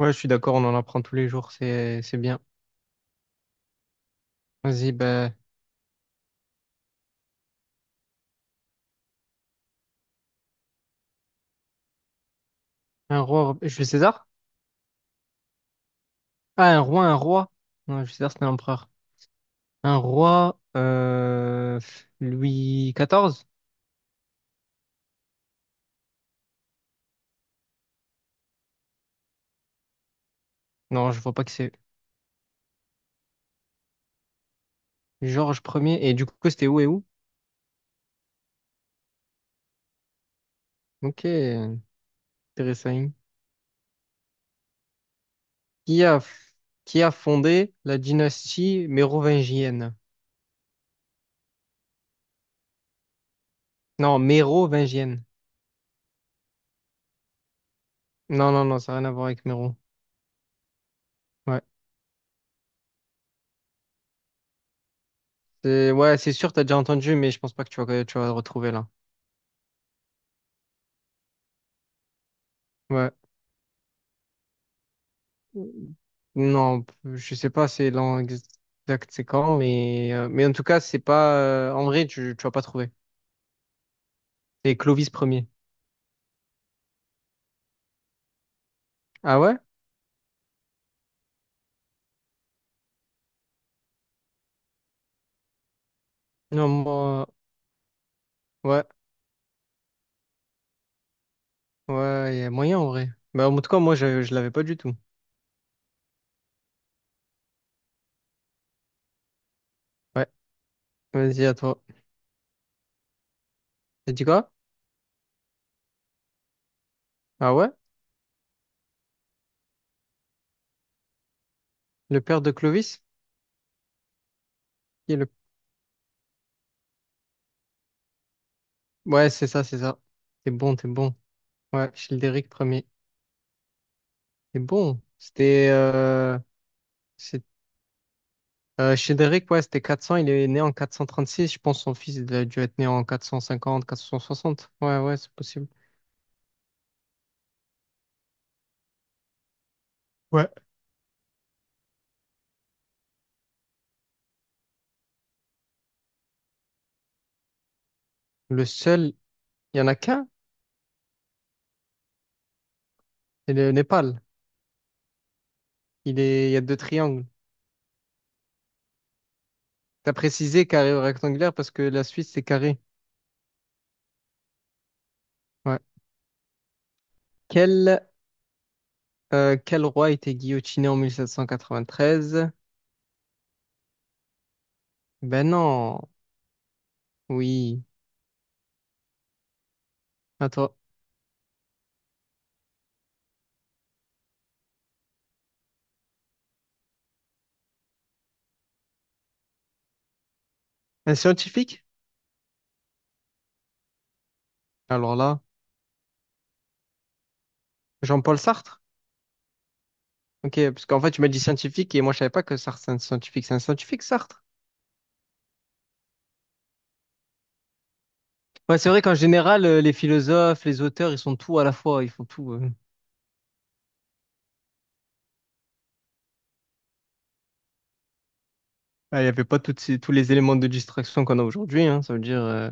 Ouais, je suis d'accord, on en apprend tous les jours, c'est bien. Vas-y, ben, un roi, Jules César? Ah, un roi, un roi. Non, Jules César, c'était un empereur. Un roi, Louis XIV? Non, je vois pas que c'est Georges Ier. Et du coup, c'était où et où? Ok, intéressant. Qui a, qui a fondé la dynastie mérovingienne? Non, mérovingienne. Non, non, non, ça n'a rien à voir avec Méro. Ouais, ouais, c'est sûr, t'as déjà entendu, mais je pense pas que tu vas le retrouver là. Ouais. Non, je sais pas, c'est l'an exact, c'est quand, mais en tout cas, c'est pas. En vrai, tu vas pas trouver. C'est Clovis premier. Ah ouais? Non, moi. Ouais, ouais, il y a moyen en vrai. Bah, en tout cas, moi, je l'avais pas du tout. Ouais, vas-y, à toi. T'as dit quoi? Ah ouais? Le père de Clovis? Qui est le... Ouais, c'est ça, c'est ça. T'es bon, t'es bon. Ouais, Childéric premier. T'es bon. C'était. Chédéric, ouais, c'était 400, il est né en 436, je pense son fils il a dû être né en 450, 460. Ouais, ouais, c'est possible. Ouais. Le seul, il y en a qu'un, c'est le Népal. Il y a deux triangles. T'as précisé carré ou rectangulaire parce que la Suisse, c'est carré. Ouais. Quel, quel roi était guillotiné en 1793? Ben non, oui. Attends, un scientifique? Alors là, Jean-Paul Sartre? Ok, parce qu'en fait, tu m'as dit scientifique et moi, je savais pas que Sartre, c'est un scientifique. C'est un scientifique, Sartre? Ouais, c'est vrai qu'en général, les philosophes, les auteurs, ils sont tout à la fois, ils font tout. Ah, il n'y avait pas toutes tous les éléments de distraction qu'on a aujourd'hui, hein, ça veut dire.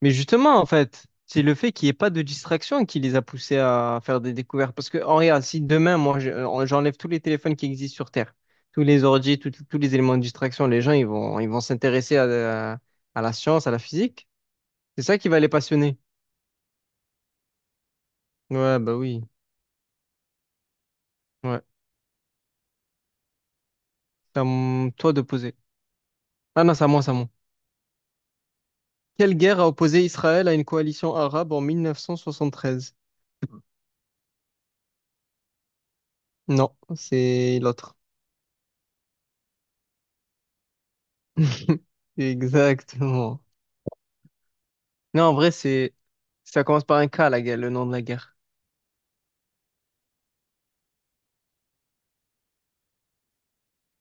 Mais justement, en fait, c'est le fait qu'il n'y ait pas de distraction qui les a poussés à faire des découvertes. Parce que, en regarde, si demain, moi, j'enlève tous les téléphones qui existent sur Terre, tous les ordi, tous les éléments de distraction, les gens, ils vont s'intéresser à la science, à la physique. C'est ça qui va les passionner. Ouais, bah oui. Ouais. C'est à toi de poser. Ah non, c'est à moi, c'est à moi. Quelle guerre a opposé Israël à une coalition arabe en 1973? Non, c'est l'autre. Exactement. Non, en vrai, c'est ça commence par un K, la guerre, le nom de la guerre.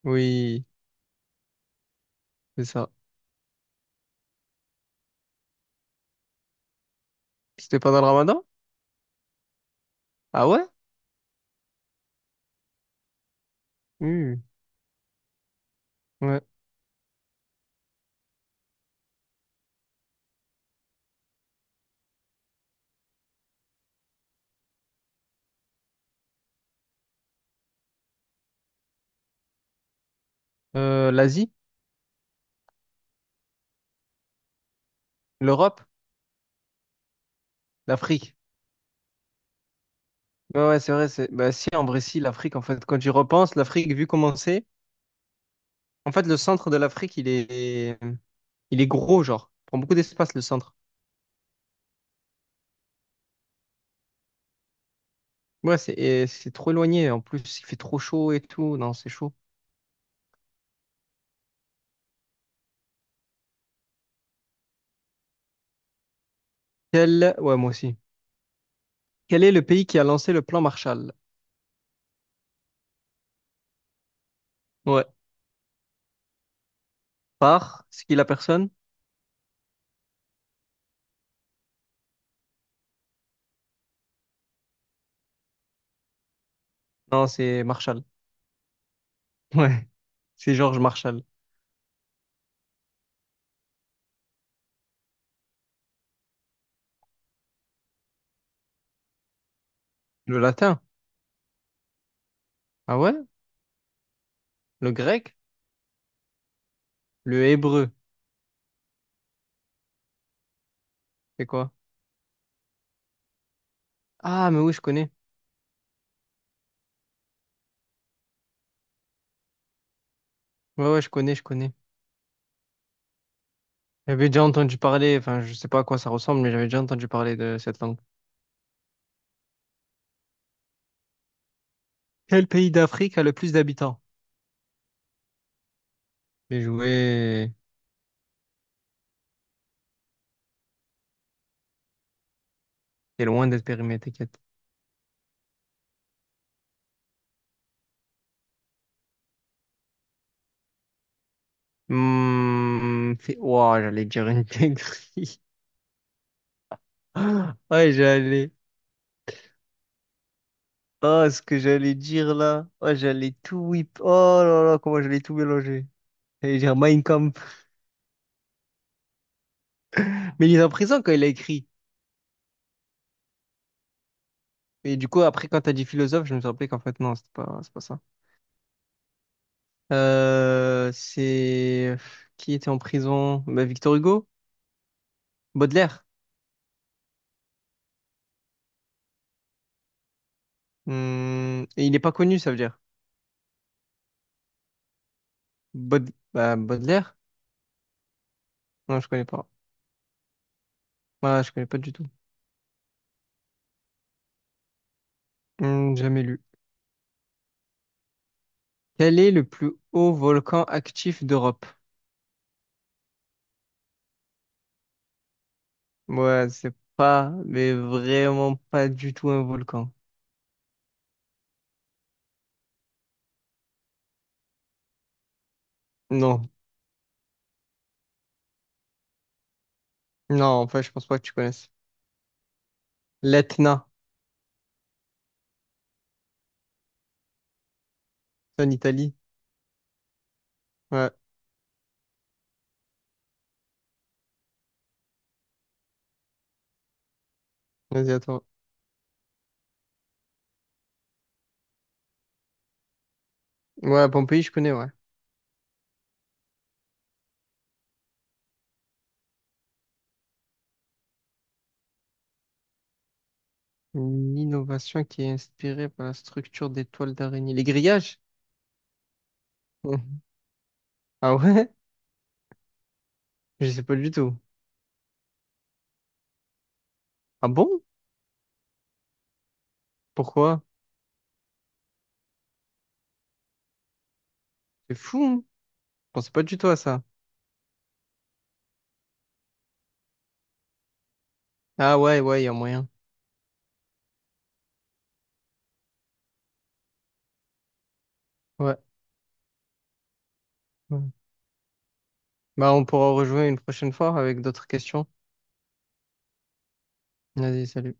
Oui, c'est ça. C'était pendant le Ramadan? Ah ouais? Hmm, ouais. L'Asie, l'Europe, l'Afrique. Ouais, ouais, c'est vrai. Bah, si, en vrai, si, l'Afrique, en fait, quand j'y repense, l'Afrique, vu comment c'est, en fait, le centre de l'Afrique, il est gros, genre. Il prend beaucoup d'espace, le centre. Ouais, c'est trop éloigné. En plus, il fait trop chaud et tout. Non, c'est chaud. Ouais, moi aussi. Quel est le pays qui a lancé le plan Marshall? Ouais. Par? C'est qui la personne? Non, c'est Marshall. Ouais, c'est Georges Marshall. Le latin? Ah ouais? Le grec? Le hébreu? C'est quoi? Ah, mais oui, je connais. Ouais, ouais, je connais, je connais. J'avais déjà entendu parler, enfin, je sais pas à quoi ça ressemble, mais j'avais déjà entendu parler de cette langue. Quel pays d'Afrique a le plus d'habitants? J'ai joué. T'es loin d'être périmé, t'inquiète. Ouah, j'allais dire une dinguerie. Ouais, j'allais. Oh, ce que j'allais dire là. Oh, j'allais tout whip. Oh là là, comment j'allais tout mélanger. J'allais dire Mein Kampf. Mais il est en prison quand il a écrit. Et du coup, après, quand t'as dit philosophe, je me suis rappelé qu'en fait, non, c'est pas ça. C'est. Qui était en prison? Bah, Victor Hugo? Baudelaire. Et il n'est pas connu, ça veut dire. Baud... Bah, Baudelaire? Non, je connais pas. Voilà, je connais pas du tout. Jamais lu. Quel est le plus haut volcan actif d'Europe? Ouais, c'est pas, mais vraiment pas du tout un volcan. Non, non, en fait, je pense pas que tu connaisses. L'Etna, c'est en Italie. Ouais, vas-y, attends. Ouais, Pompéi, je connais, ouais. Une innovation qui est inspirée par la structure des toiles d'araignée. Les grillages? Hum. Ah ouais? Je sais pas du tout. Ah bon? Pourquoi? C'est fou, hein. Je pensais pas du tout à ça. Ah ouais, ouais, il y a moyen. Ouais. Ouais. Bah, on pourra rejoindre une prochaine fois avec d'autres questions. Vas-y, salut.